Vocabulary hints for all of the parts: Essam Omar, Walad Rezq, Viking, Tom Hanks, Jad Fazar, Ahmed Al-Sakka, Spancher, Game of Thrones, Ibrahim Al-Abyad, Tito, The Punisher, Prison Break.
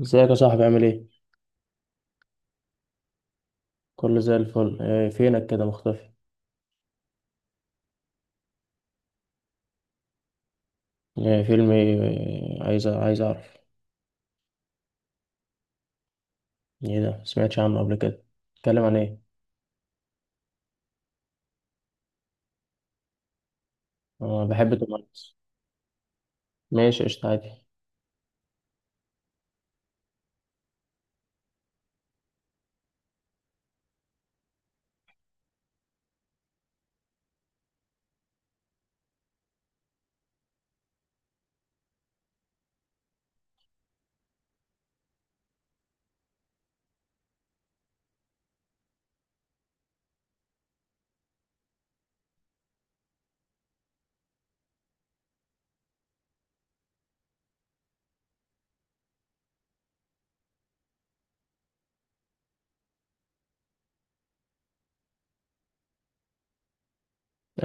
ازيك يا صاحبي، عامل ايه؟ كله زي الفل. إيه فينك كده مختفي؟ إيه فيلم ايه إيه، عايز اعرف. ايه ده؟ مسمعتش عنه قبل كده. اتكلم عن ايه؟ اه، بحب توم هانكس. ماشي، قشطة، عادي.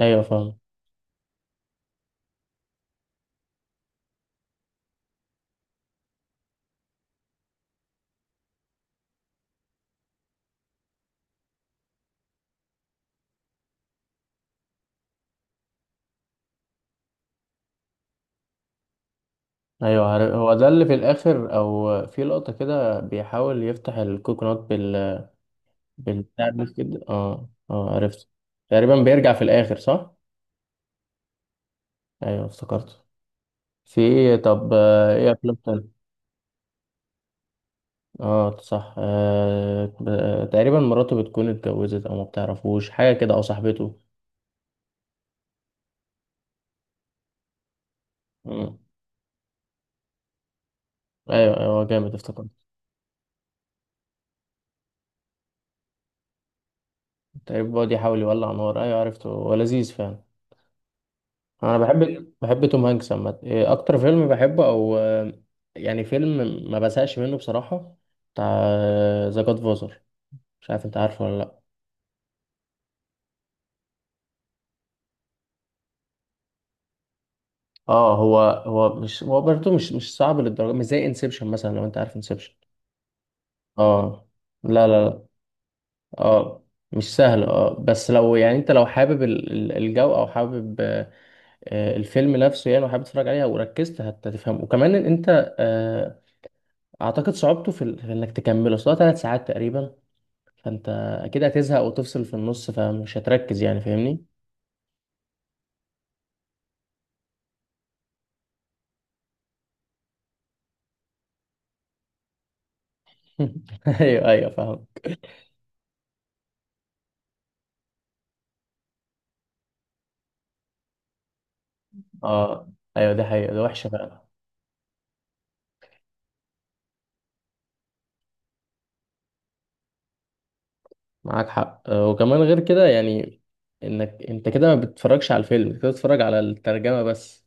ايوه فاهم. ايوه عارف، هو ده اللي في الاخر او في لقطة كده بيحاول يفتح الكوكونات بالبتاع ده كده، اه اه، عرفت. تقريبا بيرجع في الاخر، صح؟ ايوه افتكرته. في ايه؟ طب ايه افلام تانية؟ اه صح، تقريبا مراته بتكون اتجوزت او ما بتعرفوش حاجه كده، او صاحبته. مم. ايوه ايوه، جامد، افتكرت. تقريبا بيقعد يحاول يولع نار، ايوه عرفته، هو لذيذ فعلا. انا بحب توم هانكس عامه. إيه اكتر فيلم بحبه، او يعني فيلم ما بزهقش منه بصراحه، بتاع ذا جاد فازر. مش عارف انت عارفه ولا لا. اه، هو مش هو برضه مش صعب للدرجه، مش زي انسبشن مثلا، لو انت عارف انسبشن. اه، لا لا. اه مش سهل. اه، بس لو يعني انت لو حابب الجو، او حابب، الفيلم نفسه يعني، وحابب تتفرج عليها وركزت هتفهمه، وكمان ان انت، اعتقد صعوبته في انك تكمله اصلا 3 ساعات تقريبا. فانت اكيد هتزهق وتفصل في النص، فمش هتركز يعني، فاهمني؟ ايوه ايوه فاهم. اه ايوه، دي حقيقة، دي وحشة فعلا. معاك حق، وكمان غير كده، يعني انك انت كده ما بتتفرجش على الفيلم، انت كده بتتفرج على الترجمة بس.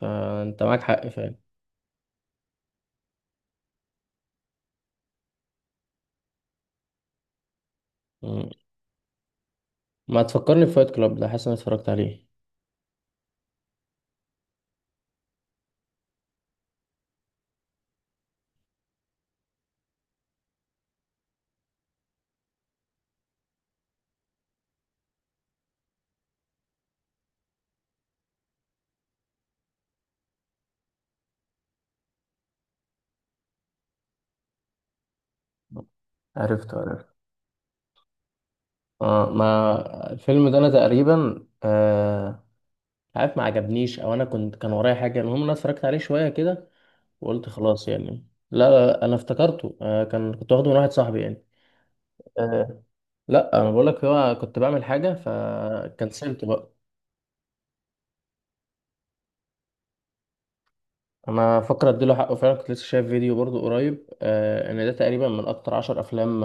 فانت معاك حق فعلا. ما تفكرني بفايت كلاب ده، حاسس اني اتفرجت عليه. عرفته عرفته. اه، ما الفيلم ده انا تقريبا عارف ما عجبنيش، او انا كنت كان ورايا حاجه، المهم انا اتفرجت عليه شويه كده، وقلت خلاص يعني. لا لا، انا افتكرته كان كنت واخده من واحد صاحبي يعني. آه لا، انا بقول لك هو كنت بعمل حاجه فكنسلت بقى. انا فاكر، اديله حقه فعلا، كنت لسه شايف فيديو برضو قريب، ان ده تقريبا من اكتر 10 افلام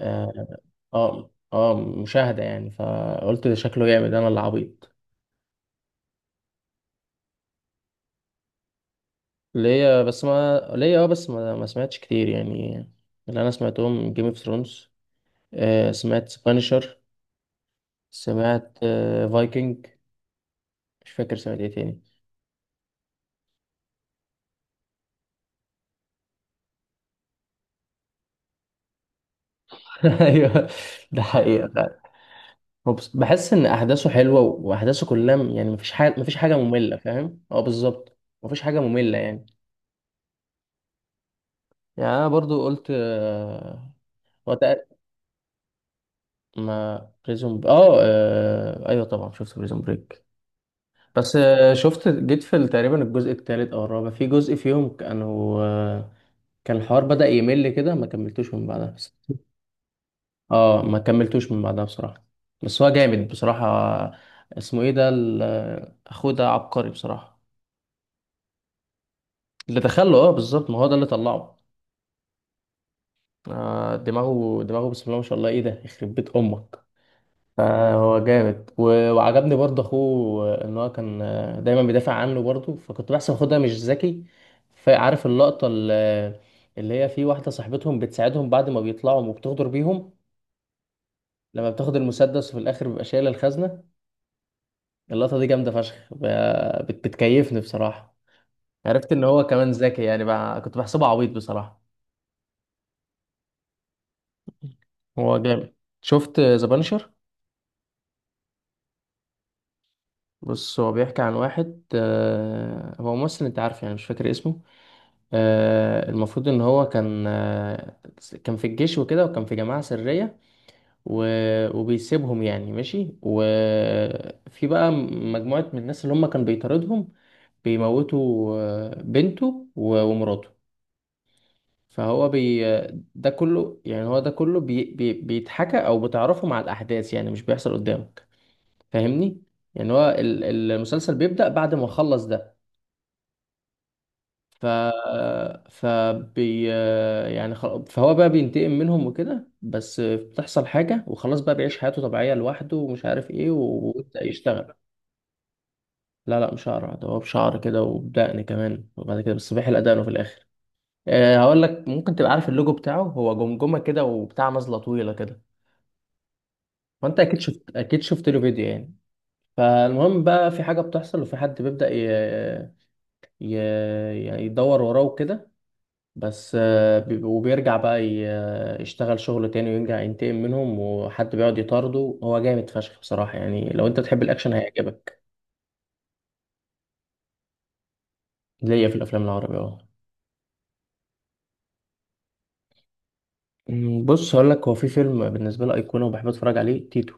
آه اه اه مشاهدة يعني، فقلت ده شكله جامد، انا اللي عبيط. ليا بس ما ليا، اه بس، ما سمعتش كتير يعني. اللي انا سمعتهم: جيم اوف ثرونز، سمعت سبانشر، سمعت فايكنج. مش فاكر سمعت ايه تاني. ايوه، ده حقيقة فعلا. هو بحس ان احداثه حلوة، واحداثه كلها يعني مفيش حاجة مملة، فاهم؟ اه بالظبط. مفيش حاجة مملة يعني. يعني انا برضو قلت هو ما بريزون ب... اه آه، ايوه طبعا شفت بريزون بريك. بس شفت جيت في تقريبا الجزء الثالث او الرابع، في جزء فيهم كانوا، كان الحوار بدأ يمل كده، ما كملتوش من بعدها بس. اه، ما كملتوش من بعدها بصراحة. بس هو جامد بصراحة. اسمه ايه ده اخوه ده عبقري بصراحة. اللي دخله، اه بالظبط، ما هو ده اللي طلعه. دماغه دماغه، بسم الله ما شاء الله، ايه ده، يخرب بيت امك! فهو جامد، وعجبني برضه اخوه، ان هو كان دايما بيدافع عنه برضه، فكنت بحسب اخوه ده مش ذكي. فعارف اللقطة اللي هي، في واحدة صاحبتهم بتساعدهم بعد ما بيطلعوا وبتغدر بيهم، لما بتاخد المسدس وفي الاخر بيبقى شايلة الخزنة؟ اللقطة دي جامدة فشخ، بتكيفني بصراحة. عرفت ان هو كمان ذكي يعني، بقى كنت بحسبه عبيط بصراحة. هو جامد. شفت ذا بانشر؟ بص، هو بيحكي عن واحد، هو ممثل، انت عارف يعني، مش فاكر اسمه. المفروض ان هو كان، كان في الجيش وكده، وكان في جماعة سرية، وبيسيبهم يعني ماشي. وفي بقى مجموعة من الناس اللي هم كانوا بيطاردهم، بيموتوا بنته ومراته. فهو بي ده كله يعني، هو ده كله بي بي بيتحكى او بتعرفه مع الاحداث، يعني مش بيحصل قدامك، فاهمني. يعني هو المسلسل بيبدأ بعد ما خلص ده. ف فبي يعني خل... فهو بقى بينتقم منهم وكده، بس بتحصل حاجة وخلاص، بقى بيعيش حياته طبيعية لوحده ومش عارف ايه، ويبدأ يشتغل. لا لا، مش شعر ده، هو بشعر كده وبدقن كمان، وبعد كده بس بيحلق دقنه في الآخر. أه هقول لك، ممكن تبقى عارف اللوجو بتاعه، هو جمجمة كده وبتاع نازلة طويلة كده، فأنت أكيد شفت، أكيد شفت له فيديو يعني. فالمهم بقى في حاجة بتحصل، وفي حد بيبدأ ي... يعني يدور وراه وكده. بس وبيرجع بقى يشتغل شغل تاني، ويرجع ينتقم منهم، وحد بيقعد يطارده. هو جامد فشخ بصراحة يعني، لو انت تحب الاكشن هيعجبك. ليا في الافلام العربية، اه. بص هقول لك، هو في فيلم بالنسبة لي أيقونة وبحب أتفرج عليه: تيتو.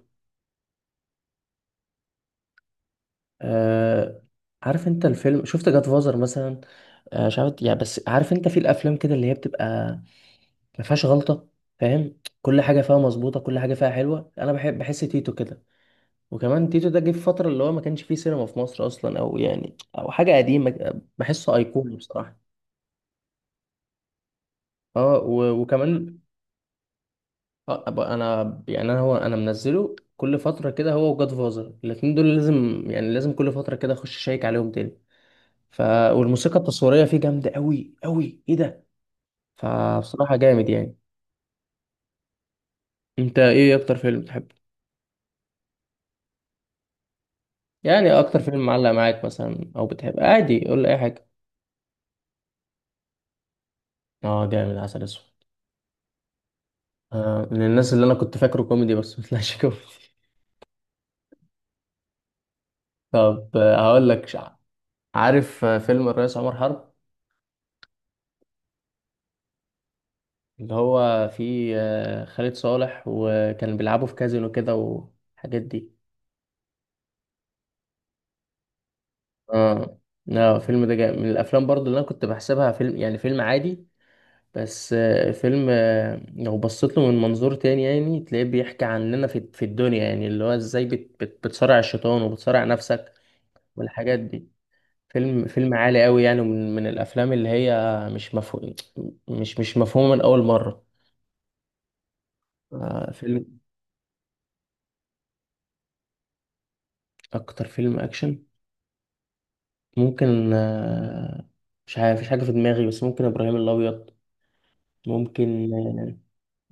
آه عارف أنت الفيلم؟ شفت جاد فازر مثلا؟ مش عارف يعني، بس عارف أنت في الأفلام كده اللي هي بتبقى ما فيهاش غلطة، فاهم؟ كل حاجة فيها مظبوطة، كل حاجة فيها حلوة، أنا بحب، بحس تيتو كده. وكمان تيتو ده جه في فترة اللي هو ما كانش فيه سينما في مصر أصلا، أو يعني أو حاجة قديمة، بحسه أيقوني بصراحة. اه، وكمان أبقى أنا، يعني أنا منزله كل فترة كده، هو وجاد فازر الاتنين دول لازم، يعني لازم كل فترة كده أخش أشيك عليهم تاني. ف والموسيقى التصويرية فيه جامدة أوي أوي، إيه ده! فبصراحة جامد يعني. أنت إيه أكتر فيلم بتحبه؟ يعني أكتر فيلم معلق معاك مثلا، أو بتحب عادي، قول لي أي حاجة. اه جامد، عسل أسود. من الناس اللي انا كنت فاكره كوميدي بس ما طلعش كوميدي. طب، عارف فيلم الرئيس عمر حرب؟ اللي هو فيه خالد صالح، وكان بيلعبوا في كازينو كده والحاجات دي. اه، لا الفيلم ده جاي من الافلام برضو اللي انا كنت بحسبها فيلم يعني فيلم عادي. بس فيلم، لو بصيت له من منظور تاني، يعني تلاقيه بيحكي عننا في الدنيا يعني، اللي هو ازاي بت بت بتصارع الشيطان وبتصارع نفسك والحاجات دي. فيلم فيلم عالي قوي يعني، من الافلام اللي هي مش مفهوم، مش مفهومه من اول مره. آه فيلم اكتر فيلم اكشن ممكن، مش عارف، مفيش حاجه في دماغي، بس ممكن ابراهيم الابيض ممكن.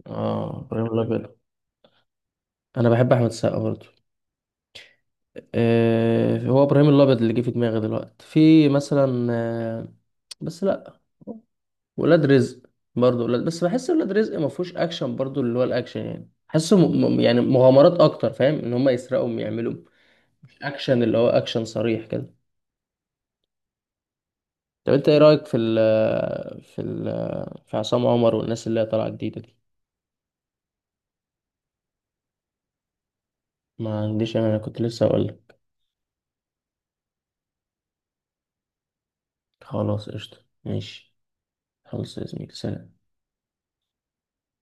اه ابراهيم الابيض. انا بحب احمد السقا برضه. هو ابراهيم الابيض اللي جه في دماغي دلوقتي في مثلا، بس لا. ولاد رزق، برضه ولاد، بس بحس ولاد رزق ما فيهوش اكشن برضه، اللي هو الاكشن يعني، حاسه يعني مغامرات اكتر، فاهم؟ ان هم يسرقوا، يعملوا، مش اكشن اللي هو اكشن صريح كده. طب انت ايه رايك في ال في ال في عصام عمر والناس اللي هي طالعه جديده دي؟ ما عنديش انا، أنا كنت لسه اقول لك. خلاص قشطه، ماشي. خلص يا زميلي، سلام.